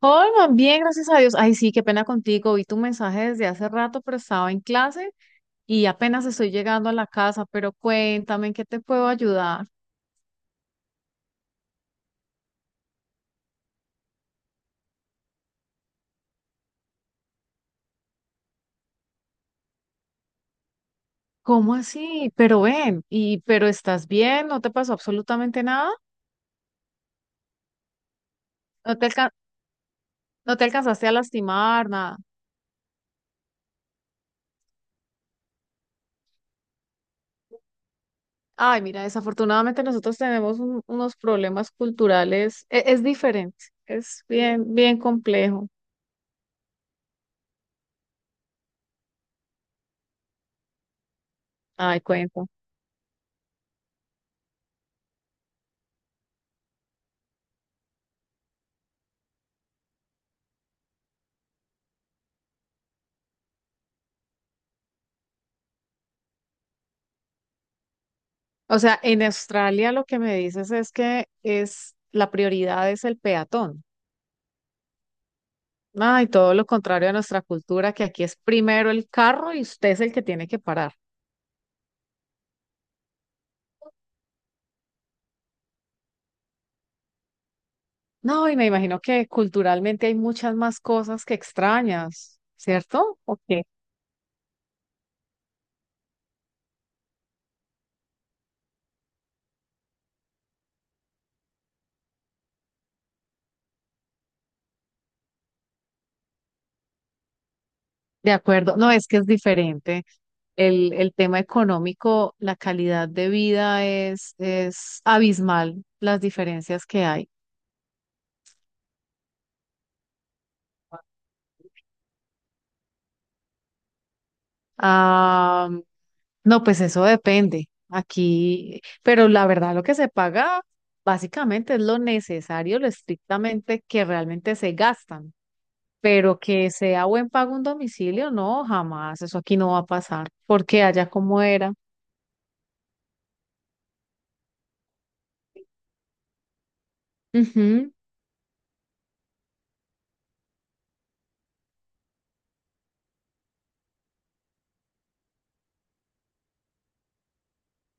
Holman, bien, gracias a Dios. Ay, sí, qué pena contigo. Vi tu mensaje desde hace rato, pero estaba en clase y apenas estoy llegando a la casa, pero cuéntame, ¿en qué te puedo ayudar? ¿Cómo así? Pero ven, y pero estás bien, no te pasó absolutamente nada, no te alca- no te alcanzaste a lastimar, nada. Ay, mira, desafortunadamente nosotros tenemos unos problemas culturales, es, diferente, es bien, bien complejo. Ay, cuéntame. O sea, en Australia lo que me dices es que es la prioridad es el peatón. Ay, todo lo contrario a nuestra cultura, que aquí es primero el carro y usted es el que tiene que parar. No, y me imagino que culturalmente hay muchas más cosas que extrañas, ¿cierto? Ok. De acuerdo. No, es que es diferente. El tema económico, la calidad de vida es abismal, las diferencias que hay. Ah, no, pues eso depende. Aquí, pero la verdad lo que se paga básicamente es lo necesario, lo estrictamente que realmente se gastan, pero que sea buen pago un domicilio, no, jamás, eso aquí no va a pasar, porque allá como era. Ujú.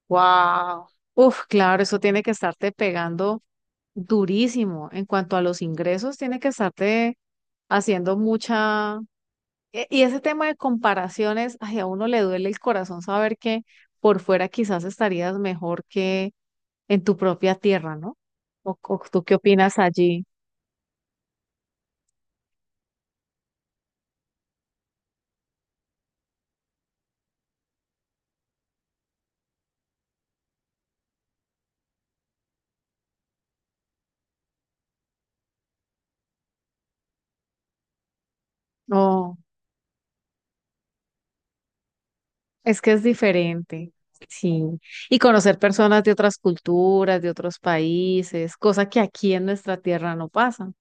Wow. Uf, claro, eso tiene que estarte pegando durísimo. En cuanto a los ingresos, tiene que estarte haciendo mucha, y ese tema de comparaciones, ay, a uno le duele el corazón saber que por fuera quizás estarías mejor que en tu propia tierra, ¿no? O tú qué opinas allí? No, es que es diferente, sí. Y conocer personas de otras culturas, de otros países, cosa que aquí en nuestra tierra no pasa.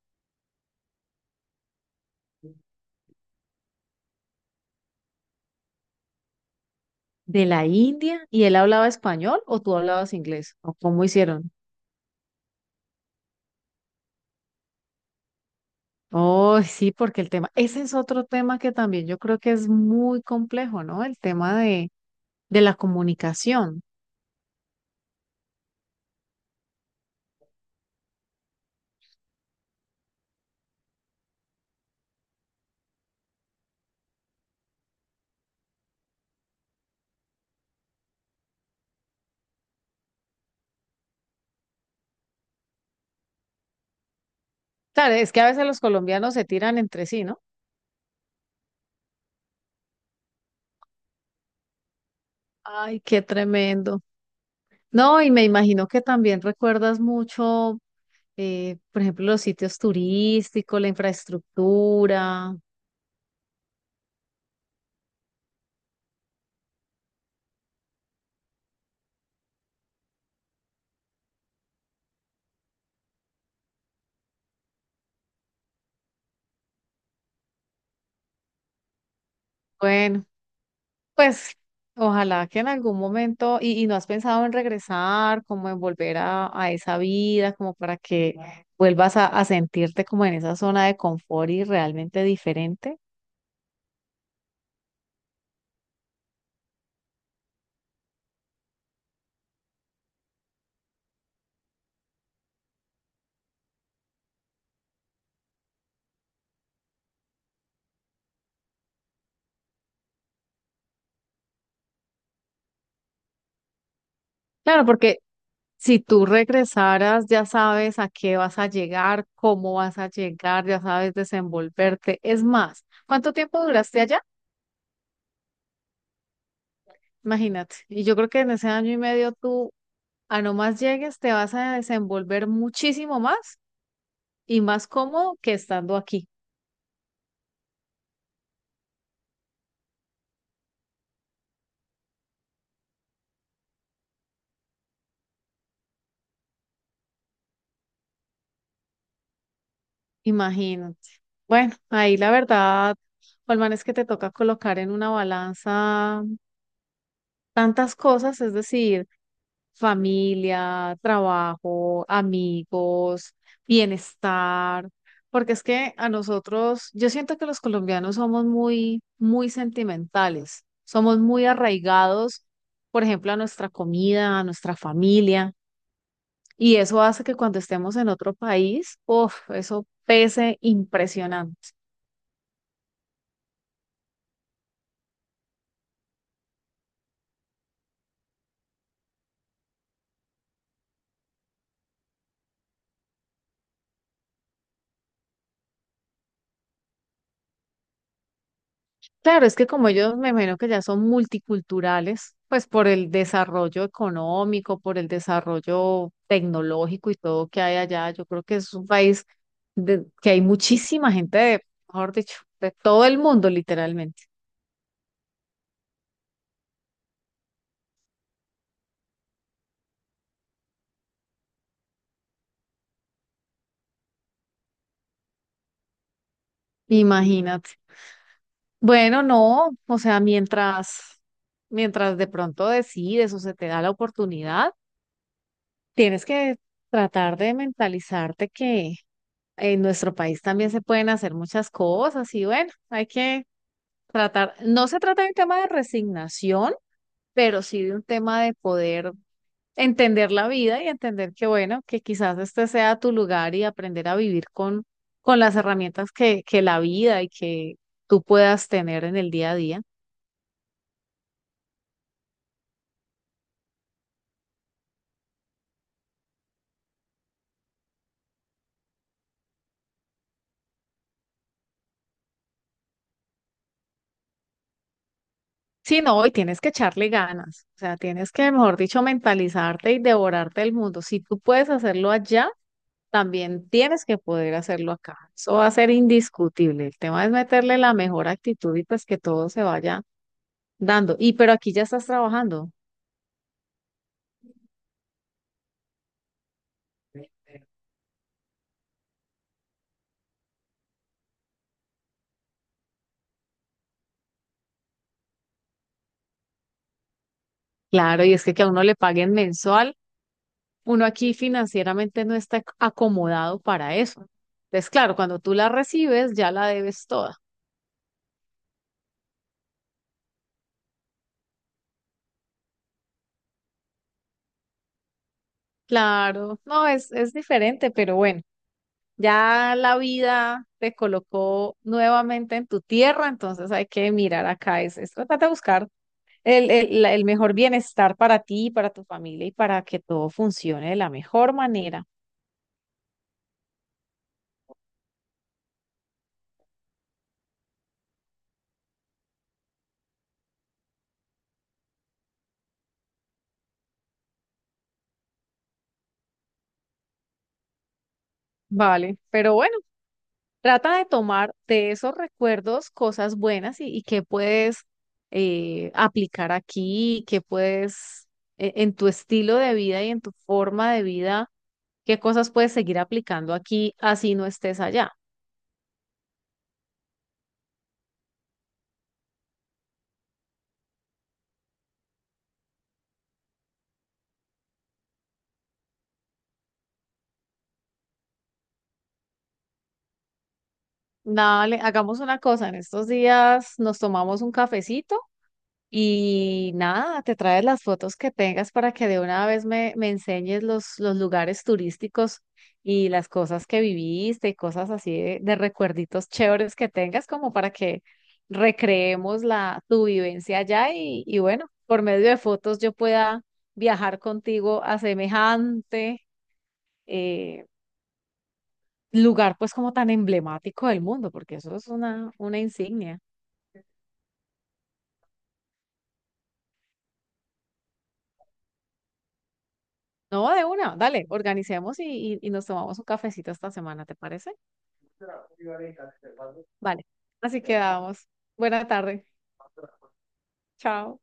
¿De la India? ¿Y él hablaba español o tú hablabas inglés? ¿O cómo hicieron? Oh, sí, porque el tema, ese es otro tema que también yo creo que es muy complejo, ¿no? El tema de la comunicación. Claro, es que a veces los colombianos se tiran entre sí, ¿no? Ay, qué tremendo. No, y me imagino que también recuerdas mucho, por ejemplo, los sitios turísticos, la infraestructura. Bueno, pues ojalá que en algún momento, y no has pensado en regresar, como en volver a esa vida, como para que vuelvas a sentirte como en esa zona de confort y realmente diferente. Claro, porque si tú regresaras, ya sabes a qué vas a llegar, cómo vas a llegar, ya sabes desenvolverte. Es más, ¿cuánto tiempo duraste allá? Imagínate. Y yo creo que en ese año y medio tú, a no más llegues, te vas a desenvolver muchísimo más y más cómodo que estando aquí. Imagínate. Bueno, ahí la verdad, Holman, es que te toca colocar en una balanza tantas cosas, es decir, familia, trabajo, amigos, bienestar, porque es que a nosotros, yo siento que los colombianos somos muy, muy sentimentales, somos muy arraigados, por ejemplo, a nuestra comida, a nuestra familia, y eso hace que cuando estemos en otro país, uff, eso pese impresionante. Claro, es que como ellos me imagino que ya son multiculturales, pues por el desarrollo económico, por el desarrollo tecnológico y todo que hay allá, yo creo que es un país de, que hay muchísima gente de, mejor dicho, de todo el mundo literalmente. Imagínate. Bueno, no, o sea, mientras de pronto decides o se te da la oportunidad, tienes que tratar de mentalizarte que en nuestro país también se pueden hacer muchas cosas y bueno, hay que tratar, no se trata de un tema de resignación, pero sí de un tema de poder entender la vida y entender que, bueno, que quizás este sea tu lugar y aprender a vivir con las herramientas que la vida y que tú puedas tener en el día a día. Sí, no, y tienes que echarle ganas, o sea, tienes que, mejor dicho, mentalizarte y devorarte el mundo. Si tú puedes hacerlo allá, también tienes que poder hacerlo acá. Eso va a ser indiscutible. El tema es meterle la mejor actitud y pues que todo se vaya dando. Y pero aquí ya estás trabajando. Claro, y es que a uno le paguen mensual, uno aquí financieramente no está acomodado para eso. Entonces, claro, cuando tú la recibes, ya la debes toda. Claro, no, es diferente, pero bueno. Ya la vida te colocó nuevamente en tu tierra, entonces hay que mirar acá, es tratar de buscar el mejor bienestar para ti, para tu familia y para que todo funcione de la mejor manera. Vale, pero bueno, trata de tomar de esos recuerdos cosas buenas y qué puedes aplicar aquí, qué puedes en tu estilo de vida y en tu forma de vida, qué cosas puedes seguir aplicando aquí así no estés allá. Dale, hagamos una cosa, en estos días nos tomamos un cafecito y nada, te traes las fotos que tengas para que de una vez me enseñes los lugares turísticos y las cosas que viviste y cosas así de recuerditos chéveres que tengas, como para que recreemos la, tu vivencia allá y bueno, por medio de fotos yo pueda viajar contigo a semejante eh, lugar pues como tan emblemático del mundo, porque eso es una insignia. No, de una, dale, organicemos y nos tomamos un cafecito esta semana, ¿te parece? Vale, así quedamos. Buena tarde, chao.